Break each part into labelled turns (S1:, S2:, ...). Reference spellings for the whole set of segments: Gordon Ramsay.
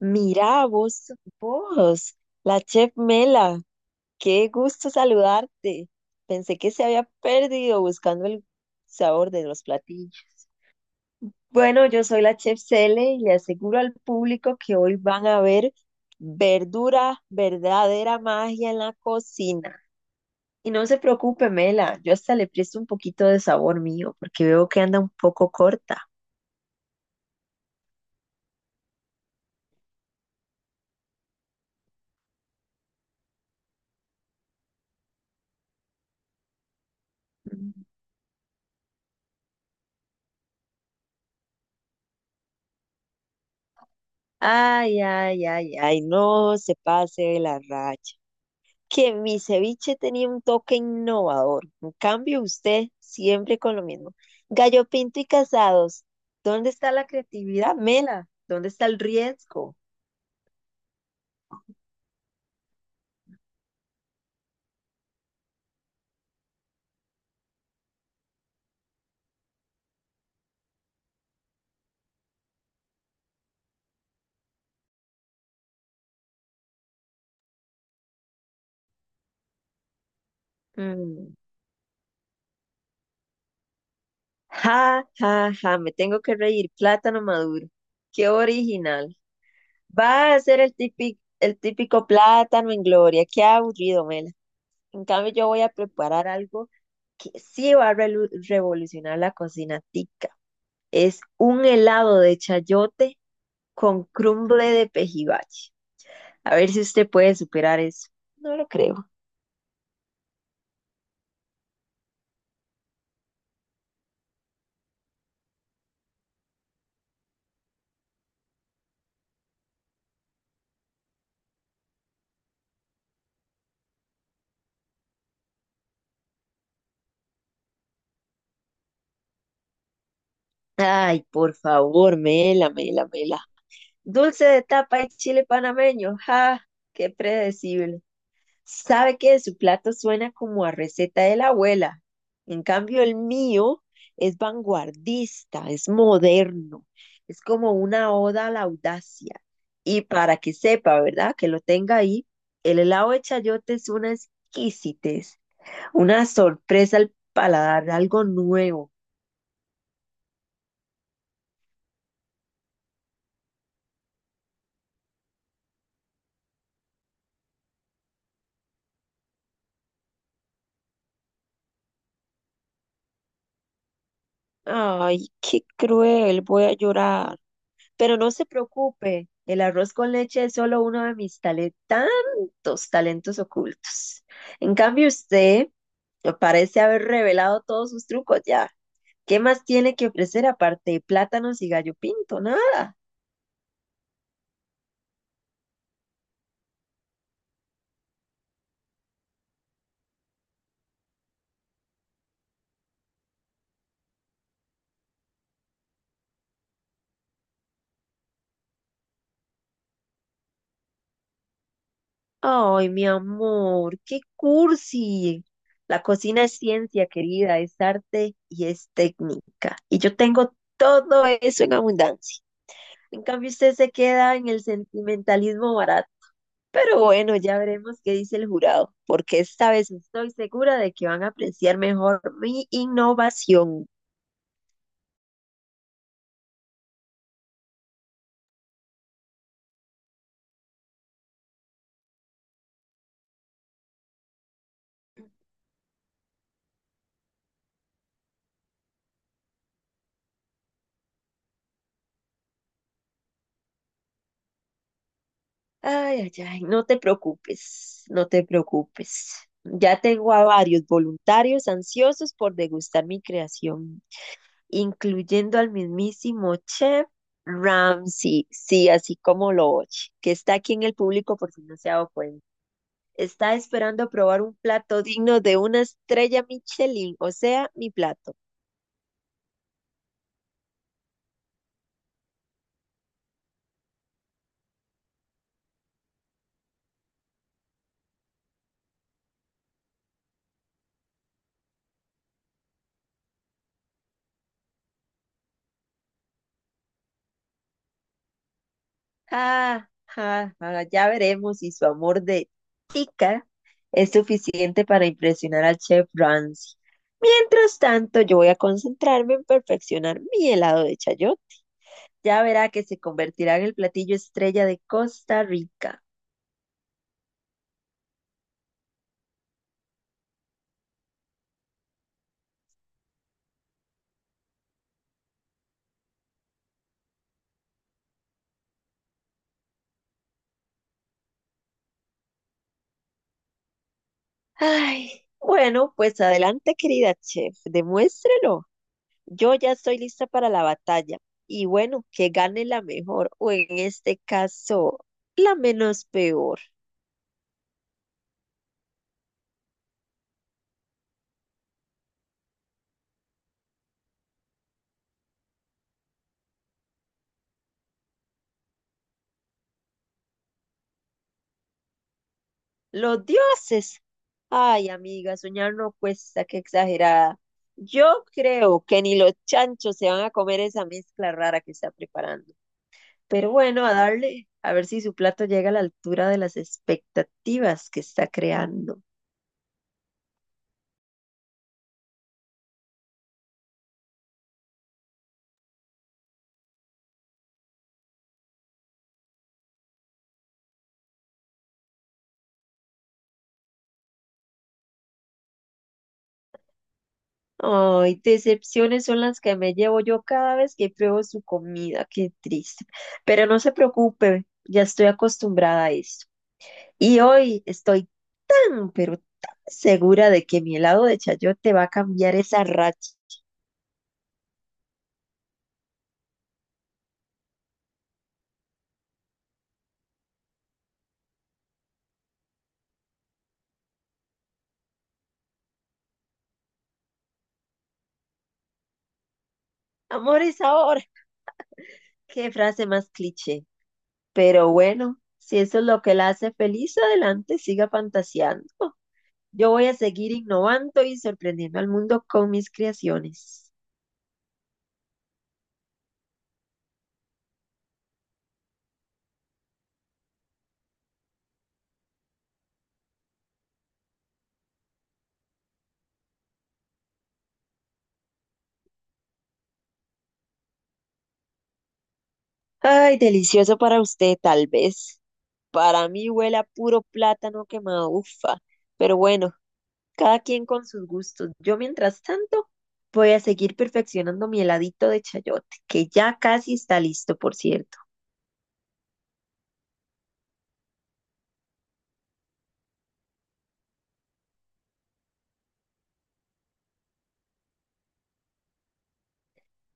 S1: Mirá, vos, vos, la chef Mela, qué gusto saludarte. Pensé que se había perdido buscando el sabor de los platillos. Bueno, yo soy la chef Cele y le aseguro al público que hoy van a ver verdadera magia en la cocina. Y no se preocupe, Mela, yo hasta le presto un poquito de sabor mío porque veo que anda un poco corta. Ay, ay, ay, ay, no se pase de la raya, que mi ceviche tenía un toque innovador. En cambio, usted siempre con lo mismo. Gallo Pinto y Casados, ¿dónde está la creatividad, Mela? ¿Dónde está el riesgo? Mm, Ja, ja, ja, me tengo que reír. Plátano maduro. Qué original. Va a ser el típico plátano en gloria. Qué aburrido, Mela. En cambio, yo voy a preparar algo que sí va a revolucionar la cocina tica. Es un helado de chayote con crumble de pejibache. A ver si usted puede superar eso. No lo creo. Ay, por favor, mela. Dulce de tapa y chile panameño. ¡Ja! ¡Qué predecible! Sabe que de su plato suena como a receta de la abuela. En cambio, el mío es vanguardista, es moderno, es como una oda a la audacia. Y para que sepa, ¿verdad? Que lo tenga ahí, el helado de chayote es una exquisitez. Una sorpresa al paladar, algo nuevo. Ay, qué cruel, voy a llorar. Pero no se preocupe, el arroz con leche es solo uno de mis tantos talentos ocultos. En cambio, usted parece haber revelado todos sus trucos ya. ¿Qué más tiene que ofrecer aparte de plátanos y gallo pinto? Nada. Ay, mi amor, qué cursi. La cocina es ciencia, querida, es arte y es técnica. Y yo tengo todo eso en abundancia. En cambio, usted se queda en el sentimentalismo barato. Pero bueno, ya veremos qué dice el jurado, porque esta vez estoy segura de que van a apreciar mejor mi innovación. Ay, ay, ay, no te preocupes, no te preocupes. Ya tengo a varios voluntarios ansiosos por degustar mi creación, incluyendo al mismísimo chef Ramsay, sí, así como lo oye, que está aquí en el público por si no se ha dado cuenta. Está esperando probar un plato digno de una estrella Michelin, o sea, mi plato. Ah, ya veremos si su amor de tica es suficiente para impresionar al chef Ramsay. Mientras tanto, yo voy a concentrarme en perfeccionar mi helado de chayote. Ya verá que se convertirá en el platillo estrella de Costa Rica. Ay, bueno, pues adelante, querida chef, demuéstrelo. Yo ya estoy lista para la batalla. Y bueno, que gane la mejor, o en este caso, la menos peor. Los dioses. Ay, amiga, soñar no cuesta, qué exagerada. Yo creo que ni los chanchos se van a comer esa mezcla rara que está preparando. Pero bueno, a darle, a ver si su plato llega a la altura de las expectativas que está creando. Ay, decepciones son las que me llevo yo cada vez que pruebo su comida, qué triste. Pero no se preocupe, ya estoy acostumbrada a esto. Y hoy estoy tan, pero tan segura de que mi helado de chayote va a cambiar esa racha. Amor y sabor, qué frase más cliché. Pero bueno, si eso es lo que la hace feliz, adelante, siga fantaseando. Yo voy a seguir innovando y sorprendiendo al mundo con mis creaciones. Ay, delicioso para usted, tal vez. Para mí huele a puro plátano quemado, ufa. Pero bueno, cada quien con sus gustos. Yo, mientras tanto, voy a seguir perfeccionando mi heladito de chayote, que ya casi está listo, por cierto.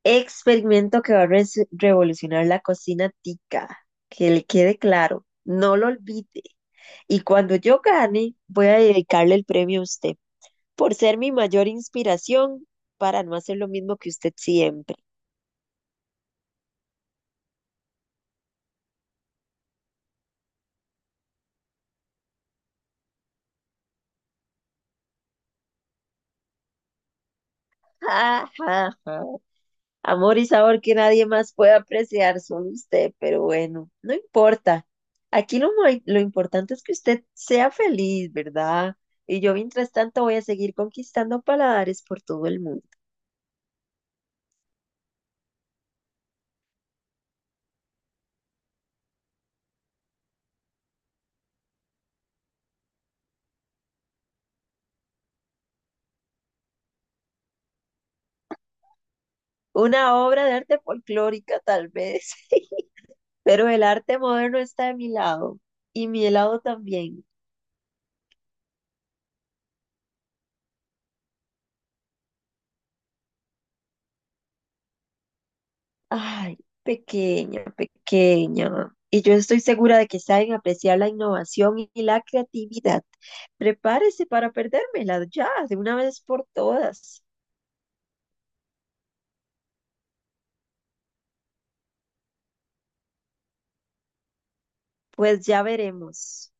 S1: Experimento que va a revolucionar la cocina tica. Que le quede claro, no lo olvide. Y cuando yo gane, voy a dedicarle el premio a usted, por ser mi mayor inspiración para no hacer lo mismo que usted siempre. Ja, ja, ja. Amor y sabor que nadie más puede apreciar, solo usted, pero bueno, no importa. Aquí lo importante es que usted sea feliz, ¿verdad? Y yo mientras tanto voy a seguir conquistando paladares por todo el mundo. Una obra de arte folclórica, tal vez, pero el arte moderno está de mi lado y mi helado también. Ay, pequeña, pequeña. Y yo estoy segura de que saben apreciar la innovación y la creatividad. Prepárese para perdérmela ya, de una vez por todas. Pues ya veremos.